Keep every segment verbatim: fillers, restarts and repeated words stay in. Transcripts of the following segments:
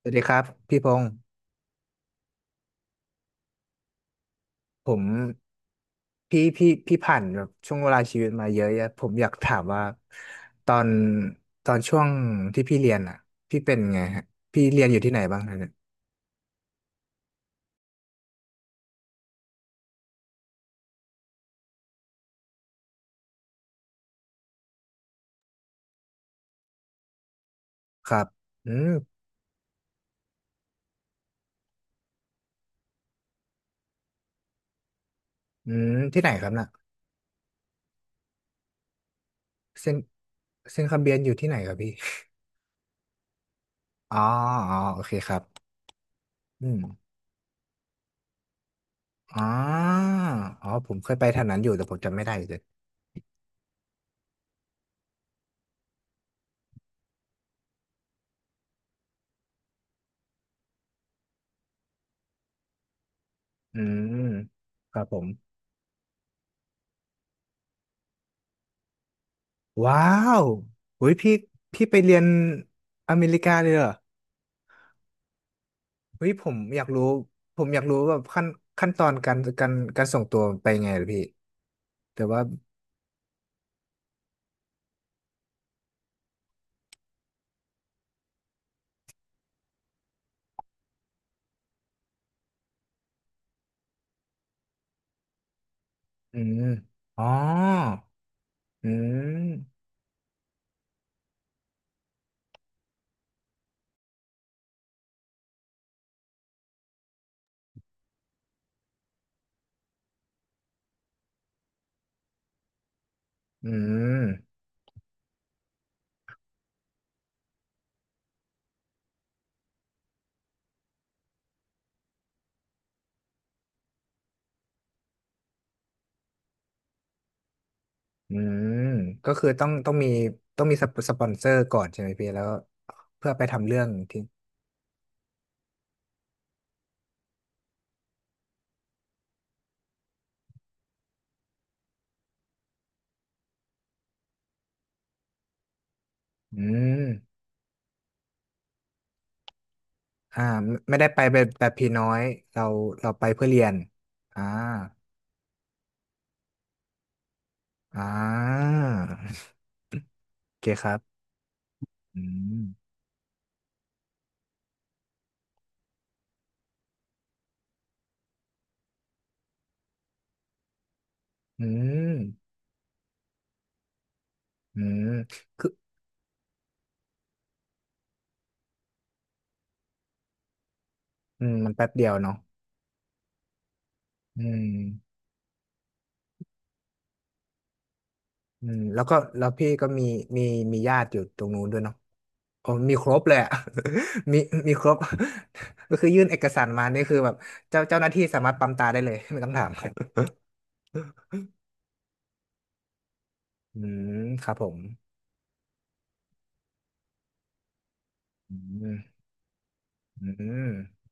สวัสดีครับพี่พงศ์ผมพี่พี่พี่ผ่านแบบช่วงเวลาชีวิตมาเยอะแยะผมอยากถามว่าตอนตอนช่วงที่พี่เรียนอ่ะพี่เป็นไงฮะพี่เรียนอยู่ที่ไหนบ้างฮะเนี่ยครับอืมอืมที่ไหนครับน่ะเส้นเส้นคำเบียนอยู่ที่ไหนครับพี่อ๋ออ๋อโอเคครับอืมอ๋ออ๋อผมเคยไปแถวนั้นอยู่แต่ผมจำไม่ได้เลยอืมครับผมว้าวอุ้ยพี่พี่ไปเรียนอเมริกาเลยเหรอ เฮ้ยผมอยากรู้ผมอยากรู้แบบขั้นขั้นตอนการการการส่งตัวไปไงเหรอพี่แต่ว่าอืมอ๋ออืมอืมอืมก็คือต้องต้องมีต้องมีสปสปอนเซอร์ก่อนใช่ไหมพี่แล้วเพื่อไปทำเรื่องที่อืมอ่าไม่ไม่ได้ไปแบบแบบพี่น้อยเราเราไปเพื่อเรียนอ่าอ่าโอเคครับอืมอืมอืมคืออืมมันแป๊บเดียวเนาะ อืมอืมแล้วก็แล้วพี่ก็มีมีมีญาติอยู่ตรงนู้นด้วยเนาะโอ้มีครบเลยอะ มีมีครบ ก็คือยื่นเอกสารมานี่คือแบบเจ้าเจ้าหน้าที่สามารถปั๊มตาได้เลยไม่ต้องถาม อืมครับผมอืมอืม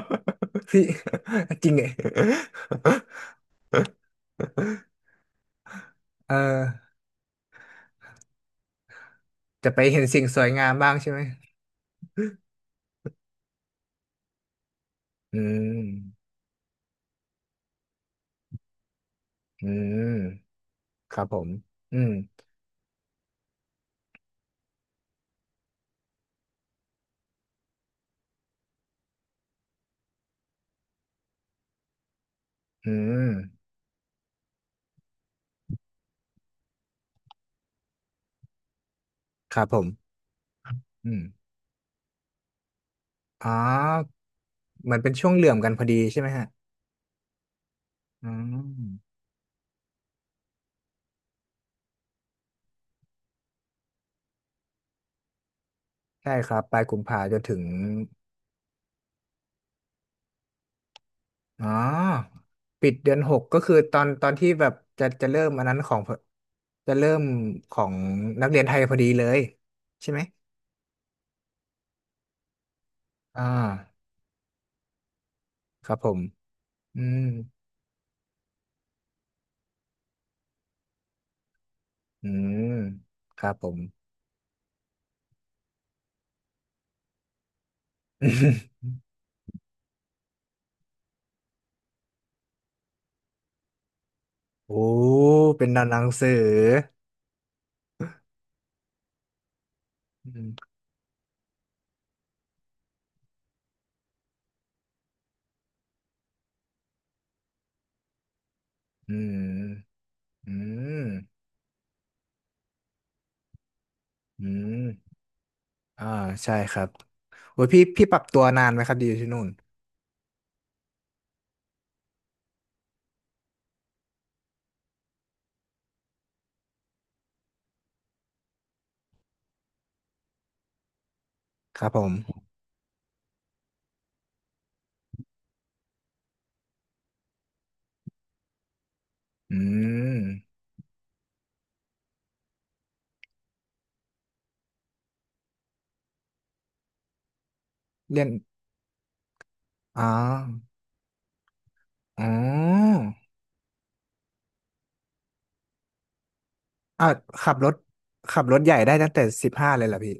พี่ จริงไง เออจะไปเห็นสิ่งสวยงามบ้างใช่ไหมอืมอืมครับผมอืมอืมครับผมอืม อ๋อเหมือนเป็นช่วงเหลื่อมกันพอดีใช่ไหมฮะอืมใช่ครับปลายกุมภาจนถึงอ๋อปิดเดือนหกก็คือตอนตอนที่แบบจะจะเริ่มอันนั้นของจะเริ่มของนักเรียนไทยพอดีเลยใช่ไหมอ่าครับผมอืมอืมครับผม โอ้เป็นหนังสืออืมอืมอืมอืม อ่าใช่ครับโอ้ยพี่พี่ปรับตัวนานไหมครับดีอยู่ที่นู่นครับผมอืมเรียนอ๋ออ๋ออ่ะขับรถขับรถใหญ่ได้ตั้งแต่สิบห้าเลยเหรอพี่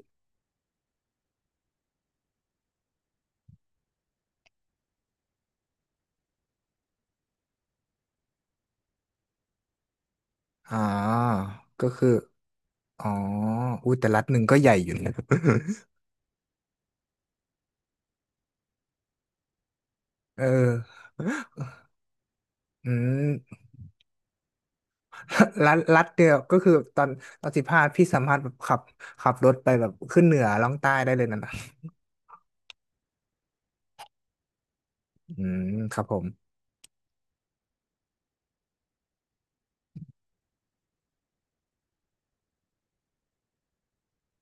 อ๋อก็คืออ๋ออุ้ยแต่รัฐหนึ่งก็ใหญ่อยู่นะ เอออืม รัฐรัฐเดียวก็คือตอนตอนสิบห้าพี่สามารถแบบขับขับรถไปแบบขึ้นเหนือล่องใต้ได้เลยนะนะอืมครับผม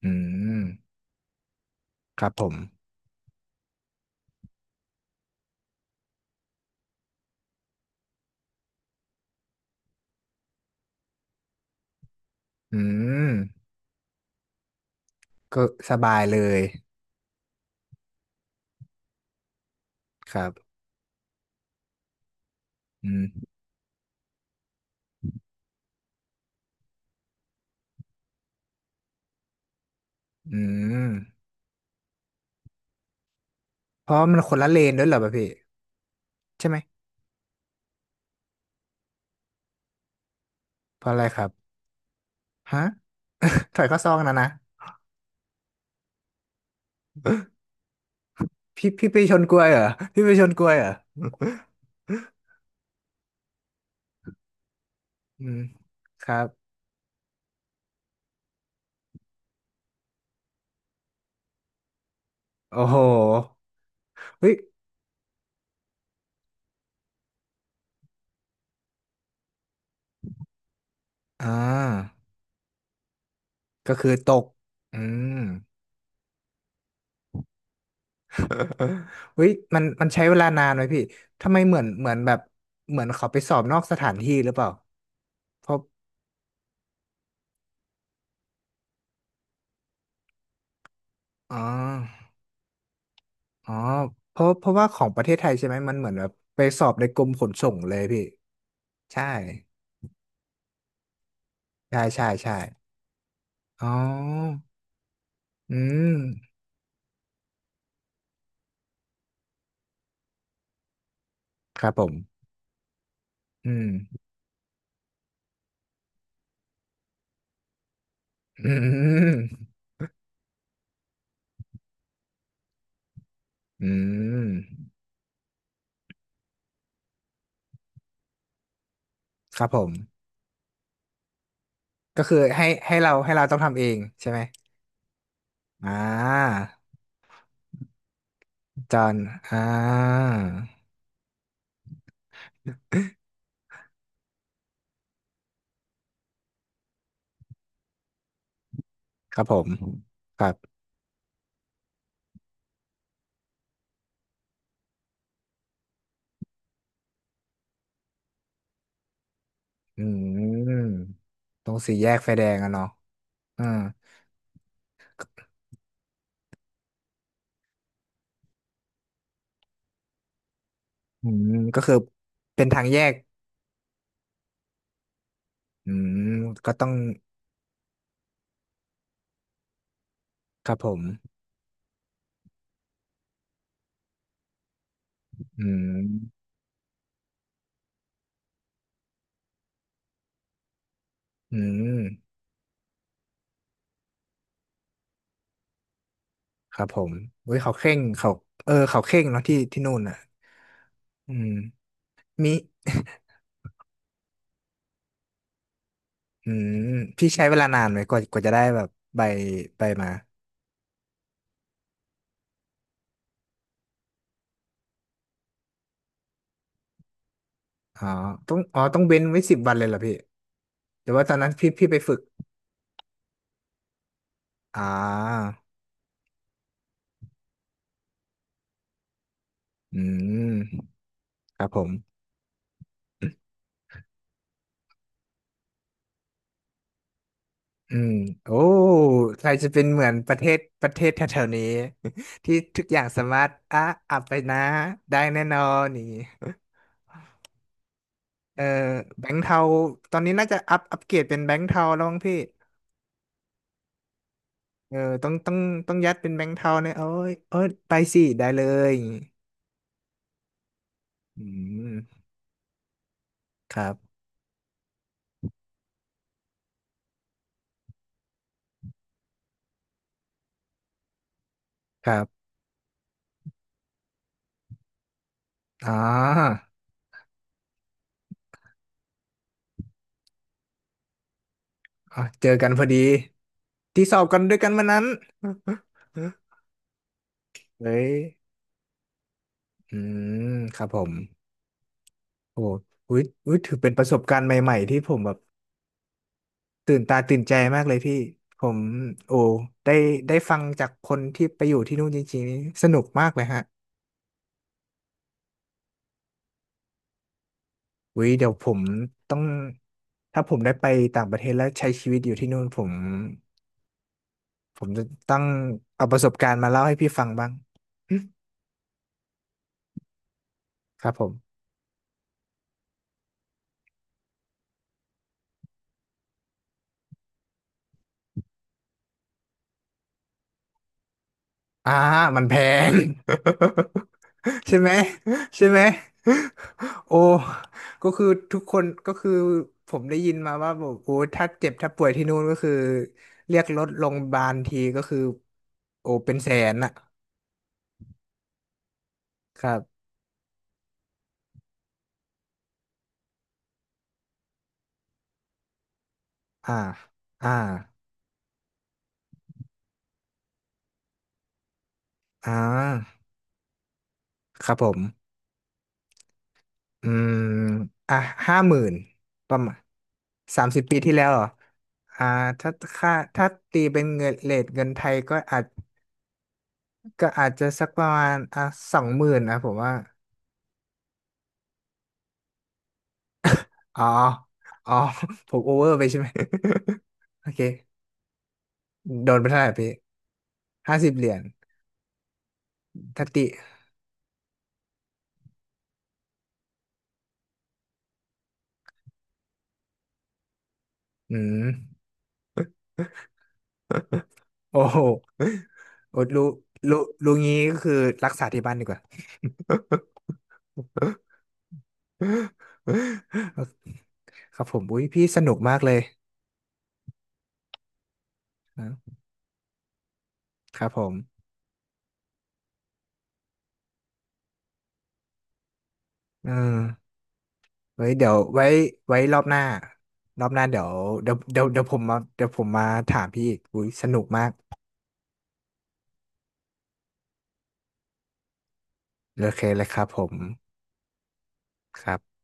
อืมครับผมอืม ก็สบายเลยครับอืมอืมเพราะมันคนละเลนด้วยเหรอป่ะพี่ใช่ไหมเพราะอะไรครับฮะ ถอยเข้าซองนะนะพี่พี่ไปชนกล้วยเหรอพี่ไปชนกล้วยเหรอ อืมครับโอ้โหเฮ้ยอ่าก็คือตกอืม เฮ้ยมันมันใช้เวลานานไหมพี่ทำไมเหมือนเหมือนแบบเหมือนเขาไปสอบนอกสถานที่หรือเปล่าเพราะอ๋อ อ๋อเพราะเพราะว่าของประเทศไทยใช่ไหมมันเหมือนแบบไปสอบในกรมขนส่งเลยพี่ใช่ใช่ใช่ใช่อ๋ออืมครับผมอืมอืมอืมครับผมก็คือให้ให้เราให้เราต้องทำเองใช่ไหมอ่าจอนอ่าครับผมครับอืมตรงสี่แยกไฟแดงอะเนาะอ่าอืมก็คือเป็นทางแยกอืมก็ต้อง ครับผมอืมอืมครับผมเว้ยเขาเคร่งเขาเออเขาเคร่งเนาะที่ที่นู่นอ่ะอืมมีอืมพี่ใช้เวลานานไหม กว่ากว่าจะได้แบบใบใบมาอ๋อต้องอ๋อ ต้องเว้นไว้สิบวันเลยเหรอพี่แต่ว่าตอนนั้นพี่พี่ไปฝึกอ่าอืมครับผมอืมโอ้ไทยจะเป็นเหมือนประเทศประเทศแถวๆนี้ ที่ทุกอย่างสามารถอ่ะอับไปนะได้แน่นอนอย่างนี้ เออแบงค์เทาตอนนี้น่าจะอัพอัปเกรดเป็นแบงค์เทาแล้วมั้งพี่เออต้องต้องต้องยัดเป็นแบงค์เทาเนี่ยโอ้ยโอ้ยไปสิได้เลยอย่างงี้อืมครับครับอ๋ออ๋อเจอกันพอดีที่สอบกันด้วยกันวันนั้น เฮ้ยอืมครับผมโอ้อุ้ยอุ้ยถือเป็นประสบการณ์ใหม่ๆที่ผมแบบตื่นตาตื่นใจมากเลยพี่ผมโอ้ได้ได้ฟังจากคนที่ไปอยู่ที่นู่นจริงๆนี่สนุกมากเลยฮะ วิเดี๋ยวผมต้องถ้าผมได้ไปต่างประเทศแล้วใช้ชีวิตอยู่ที่นู่นผมผมจะต้องเอาประสบการณ์มาเล่าให้พี่ฟังบ้างอืมครับผมอ่ามันแพง ใช่ไหมใช่ไหมโอ้ก็คือทุกคนก็คือผมได้ยินมาว่าบอกโอ้ถ้าเจ็บถ้าป่วยที่นู่นก็คือเรียกรถโรงพยาบาลทีก็คือโอ้เป็นแสนอะครับอ่าอ่าอ่าครับผม อืมอ่ะห้าหมื่นประมาณสามสิบปีที่แล้วเหรออ่าถ้าค่าถ้าตีเป็นเงินเรทเงินไทยก็อาจก็อาจจะสักประมาณอ่ะสองหมื่นนะผมว่าอ๋ออ๋อ ผมโอเวอร์ไปใช่ไหม โอเคโดนไปเท่าไหร่พี่ห้าสิบเหรียญถ้าติอืม โอ้โหโอ้รู้รู้รู้งี้ก็คือรักษาที่บ้านดีกว่า ครับผมอุ้ยพี่สนุกมากเลยนะครับผมเออไว้เดี๋ยวไว้ไว้รอบหน้ารอบหน้าเดี๋ยวเดี๋ยวเดี๋ยวเดี๋ยวผมมาเดี๋ยวผมมาถามพี่อีกอุ้ยสนุกมากโอเคเลยครับผมครับ